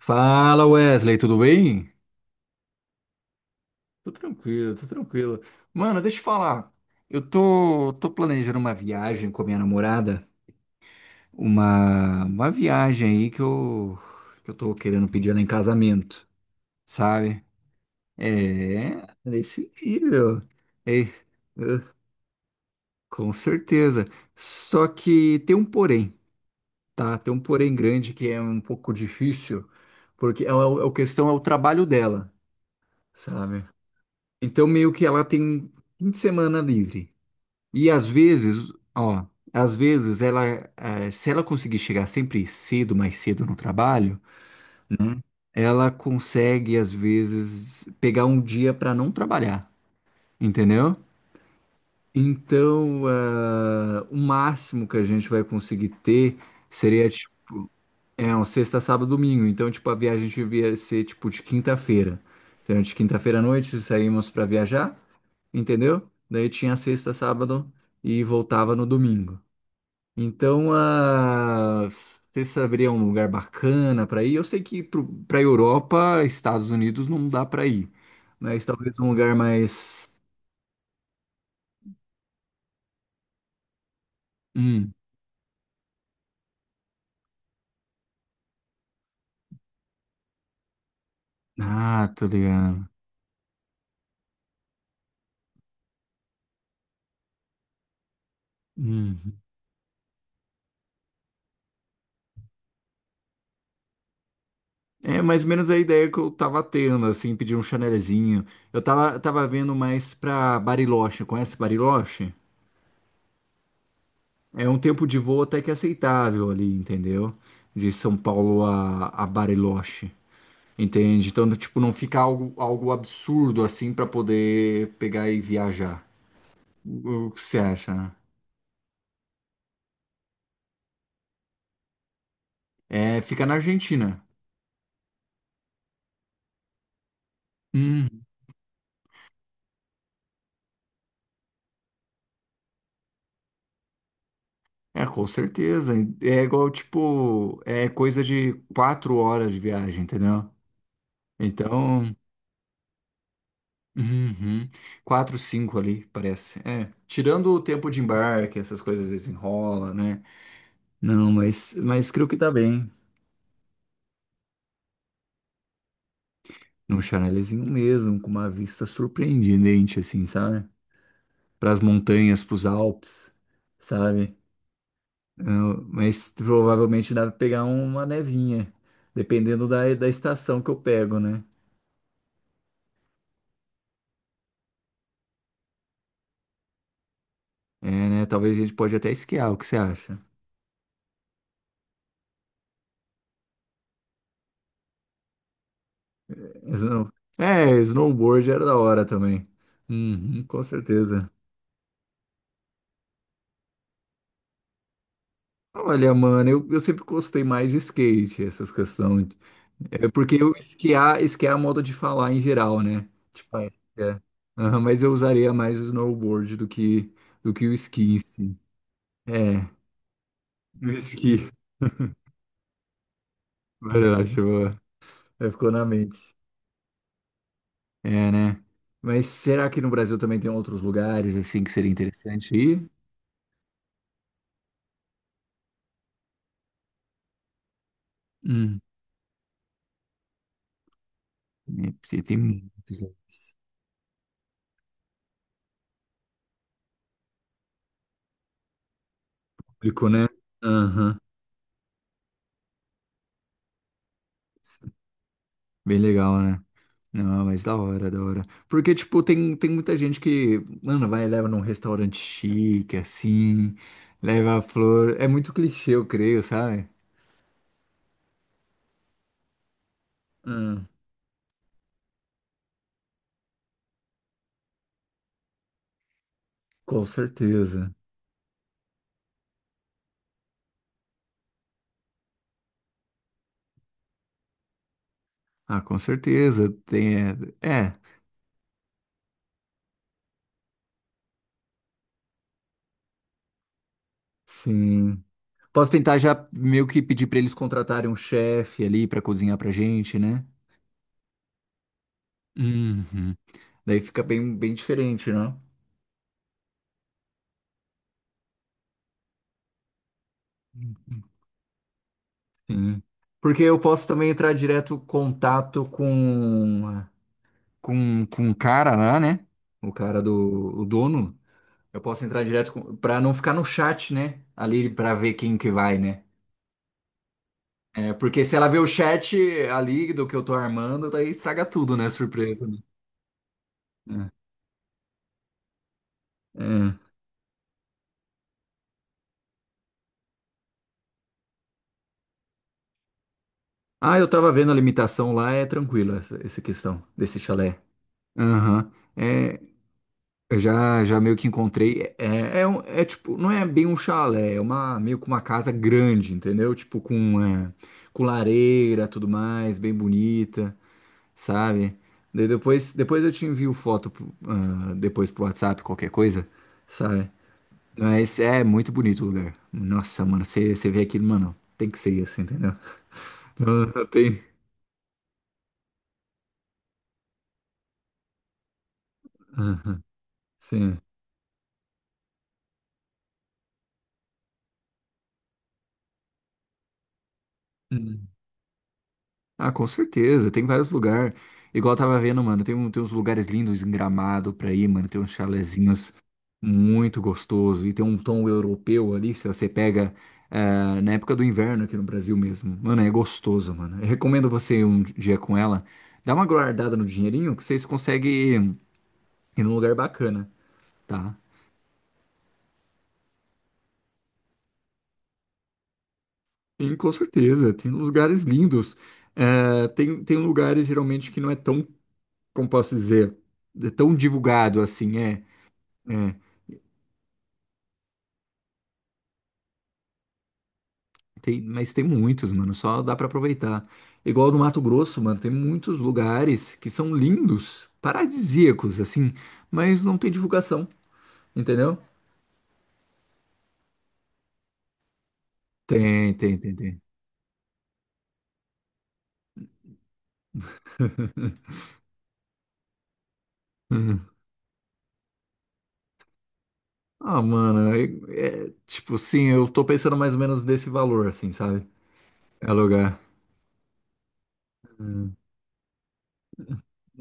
Fala Wesley, tudo bem? Tô tranquilo, tô tranquilo. Mano, deixa eu te falar. Eu tô planejando uma viagem com a minha namorada. Uma viagem aí que eu tô querendo pedir ela em casamento, sabe? É, nesse nível. É, com certeza. Só que tem um porém, tá? Tem um porém grande que é um pouco difícil, porque a questão é o trabalho dela, sabe? Então, meio que ela tem fim de semana livre. E às vezes, ó, às vezes ela, se ela conseguir chegar sempre cedo, mais cedo no trabalho, né, ela consegue, às vezes, pegar um dia para não trabalhar, entendeu? Então, o máximo que a gente vai conseguir ter seria, tipo, é, um sexta, sábado, domingo. Então, tipo, a viagem devia ser, tipo, de quinta-feira. Então, de quinta-feira à noite, saímos para viajar. Entendeu? Daí tinha sexta, sábado e voltava no domingo. Então, ah, você saberia um lugar bacana para ir? Eu sei que para Europa, Estados Unidos não dá para ir, mas talvez um lugar mais. Hum. Ah, tô ligado. Hum. É mais ou menos a ideia que eu tava tendo, assim, pedir um chanelzinho. Eu tava vendo mais pra Bariloche. Conhece Bariloche? É um tempo de voo até que é aceitável ali, entendeu? De São Paulo a Bariloche, entende? Então, tipo, não fica algo absurdo assim pra poder pegar e viajar. O que você acha, né? É, fica na Argentina. Hum. É, com certeza. É igual, tipo, é coisa de 4 horas de viagem, entendeu? Então, uhum, quatro, cinco ali, parece. É, tirando o tempo de embarque, essas coisas desenrola, né? Não, mas creio que tá bem. Num chanelzinho mesmo, com uma vista surpreendente, assim, sabe? Pras montanhas, pros Alpes, sabe? Ah, mas provavelmente dá pra pegar uma nevinha, dependendo da estação que eu pego, né? É, né? Talvez a gente pode até esquiar, o que você acha? Snow- É, snowboard era da hora também. Uhum, com certeza. Olha, mano, eu sempre gostei mais de skate, essas questões. É porque eu esquiar, esquiar é a moda de falar em geral, né? Tipo, é. É. Aham, mas eu usaria mais o snowboard do que o esqui em si. É, o esqui. Verdade, boa. É, ficou na mente. É, né? Mas será que no Brasil também tem outros lugares, assim, que seria interessante ir? Hum, é, porque tem muitos lugares. Público, né? Aham. Bem legal, né? Não, mas da hora, da hora. Porque, tipo, tem muita gente que, mano, vai e leva num restaurante chique, assim, leva a flor. É muito clichê, eu creio, sabe? Hum, com certeza. Ah, com certeza. Tem, é, é, sim. Posso tentar já meio que pedir pra eles contratarem um chefe ali pra cozinhar pra gente, né? Uhum. Daí fica bem, bem diferente, né? Sim. Porque eu posso também entrar direto em contato com o cara lá, né? O cara do, o dono. Eu posso entrar direto com, pra não ficar no chat, né? Ali pra ver quem que vai, né? É, porque se ela vê o chat ali do que eu tô armando, daí estraga tudo, né? Surpresa, né? É, é. Ah, eu tava vendo a limitação lá, é tranquilo essa questão desse chalé. Aham. É, eu já meio que encontrei. É, é, é tipo, não é bem um chalé, é uma, meio que uma casa grande, entendeu? Tipo, com lareira, tudo mais, bem bonita, sabe? Daí depois eu te envio foto, depois pro WhatsApp, qualquer coisa, sabe? Mas é muito bonito o lugar. Nossa, mano, você vê aquilo, mano, tem que ser assim, entendeu? Não, não tem. Aham, sim. Hum. Ah, com certeza, tem vários lugares. Igual eu tava vendo, mano, tem uns lugares lindos em Gramado pra ir, mano, tem uns chalezinhos muito gostosos e tem um tom europeu ali, se você pega na época do inverno aqui no Brasil mesmo. Mano, é gostoso, mano. Eu recomendo você ir um dia com ela, dá uma guardada no dinheirinho que vocês conseguem ir num lugar bacana, tá? Sim, com certeza, tem lugares lindos. Tem lugares geralmente que não é tão, como posso dizer, é tão divulgado assim, é. É, mas tem muitos, mano, só dá pra aproveitar. Igual no Mato Grosso, mano, tem muitos lugares que são lindos, paradisíacos, assim, mas não tem divulgação, entendeu? Tem, tem, tem, tem. Uhum. Ah, mano, é, tipo assim, eu tô pensando mais ou menos desse valor, assim, sabe? É lugar. Hum.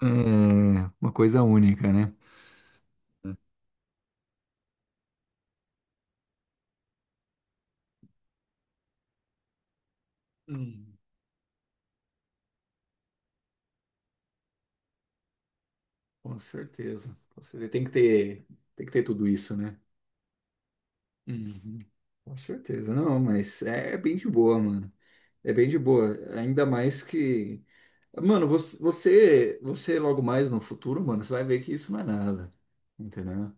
É uma coisa única, né? Hum, com certeza. Com certeza. Tem que ter tudo isso, né? Uhum. Com certeza, não, mas é bem de boa, mano. É bem de boa. Ainda mais que. Mano, você logo mais no futuro, mano, você vai ver que isso não é nada. Entendeu?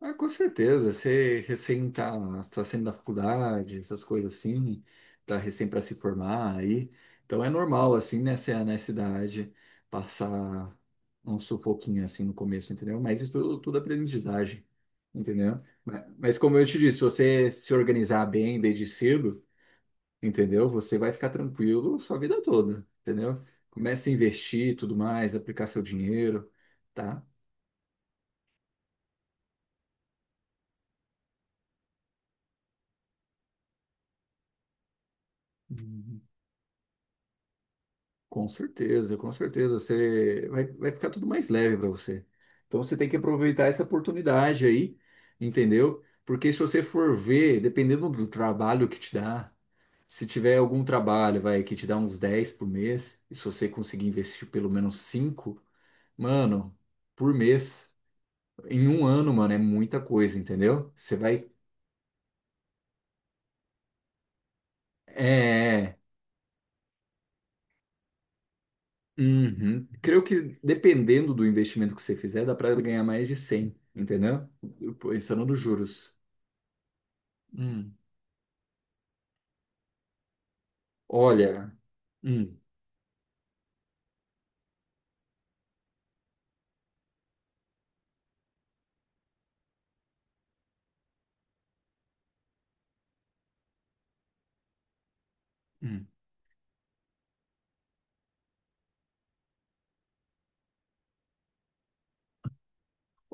Ah, com certeza. Você recém tá saindo da faculdade, essas coisas assim, tá recém para se formar aí. Então é normal, assim, nessa idade, passar um sufoquinho assim no começo, entendeu? Mas isso tudo, tudo é aprendizagem, entendeu? Mas como eu te disse, se você se organizar bem desde cedo, entendeu? Você vai ficar tranquilo sua vida toda, entendeu? Comece a investir e tudo mais, aplicar seu dinheiro, tá? Com certeza, com certeza. Você vai ficar tudo mais leve para você. Então você tem que aproveitar essa oportunidade aí, entendeu? Porque se você for ver, dependendo do trabalho que te dá, se tiver algum trabalho, vai, que te dá uns 10 por mês, e se você conseguir investir pelo menos 5 mano, por mês, em um ano, mano, é muita coisa, entendeu? Você vai. É. é, é. Uhum. Creio que dependendo do investimento que você fizer, dá para ganhar mais de 100, entendeu? Pensando nos juros. Hum, Olha, hum, hum.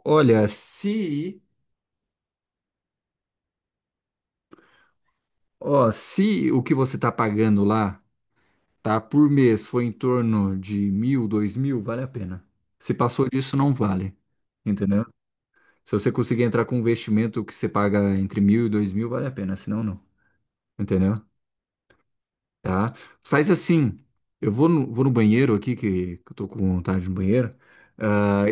Olha, se, ó, se o que você tá pagando lá, tá, por mês foi em torno de 1.000, 2.000, vale a pena. Se passou disso, não vale, entendeu? Se você conseguir entrar com um investimento que você paga entre 1.000 e 2.000, vale a pena, senão não, entendeu? Tá? Faz assim, eu vou no banheiro aqui, que eu tô com vontade no banheiro. Ah,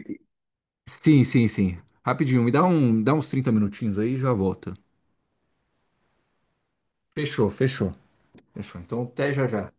sim, sim, sim. Rapidinho, me dá uns 30 minutinhos aí e já volta. Fechou, fechou. Fechou. Então, até já já.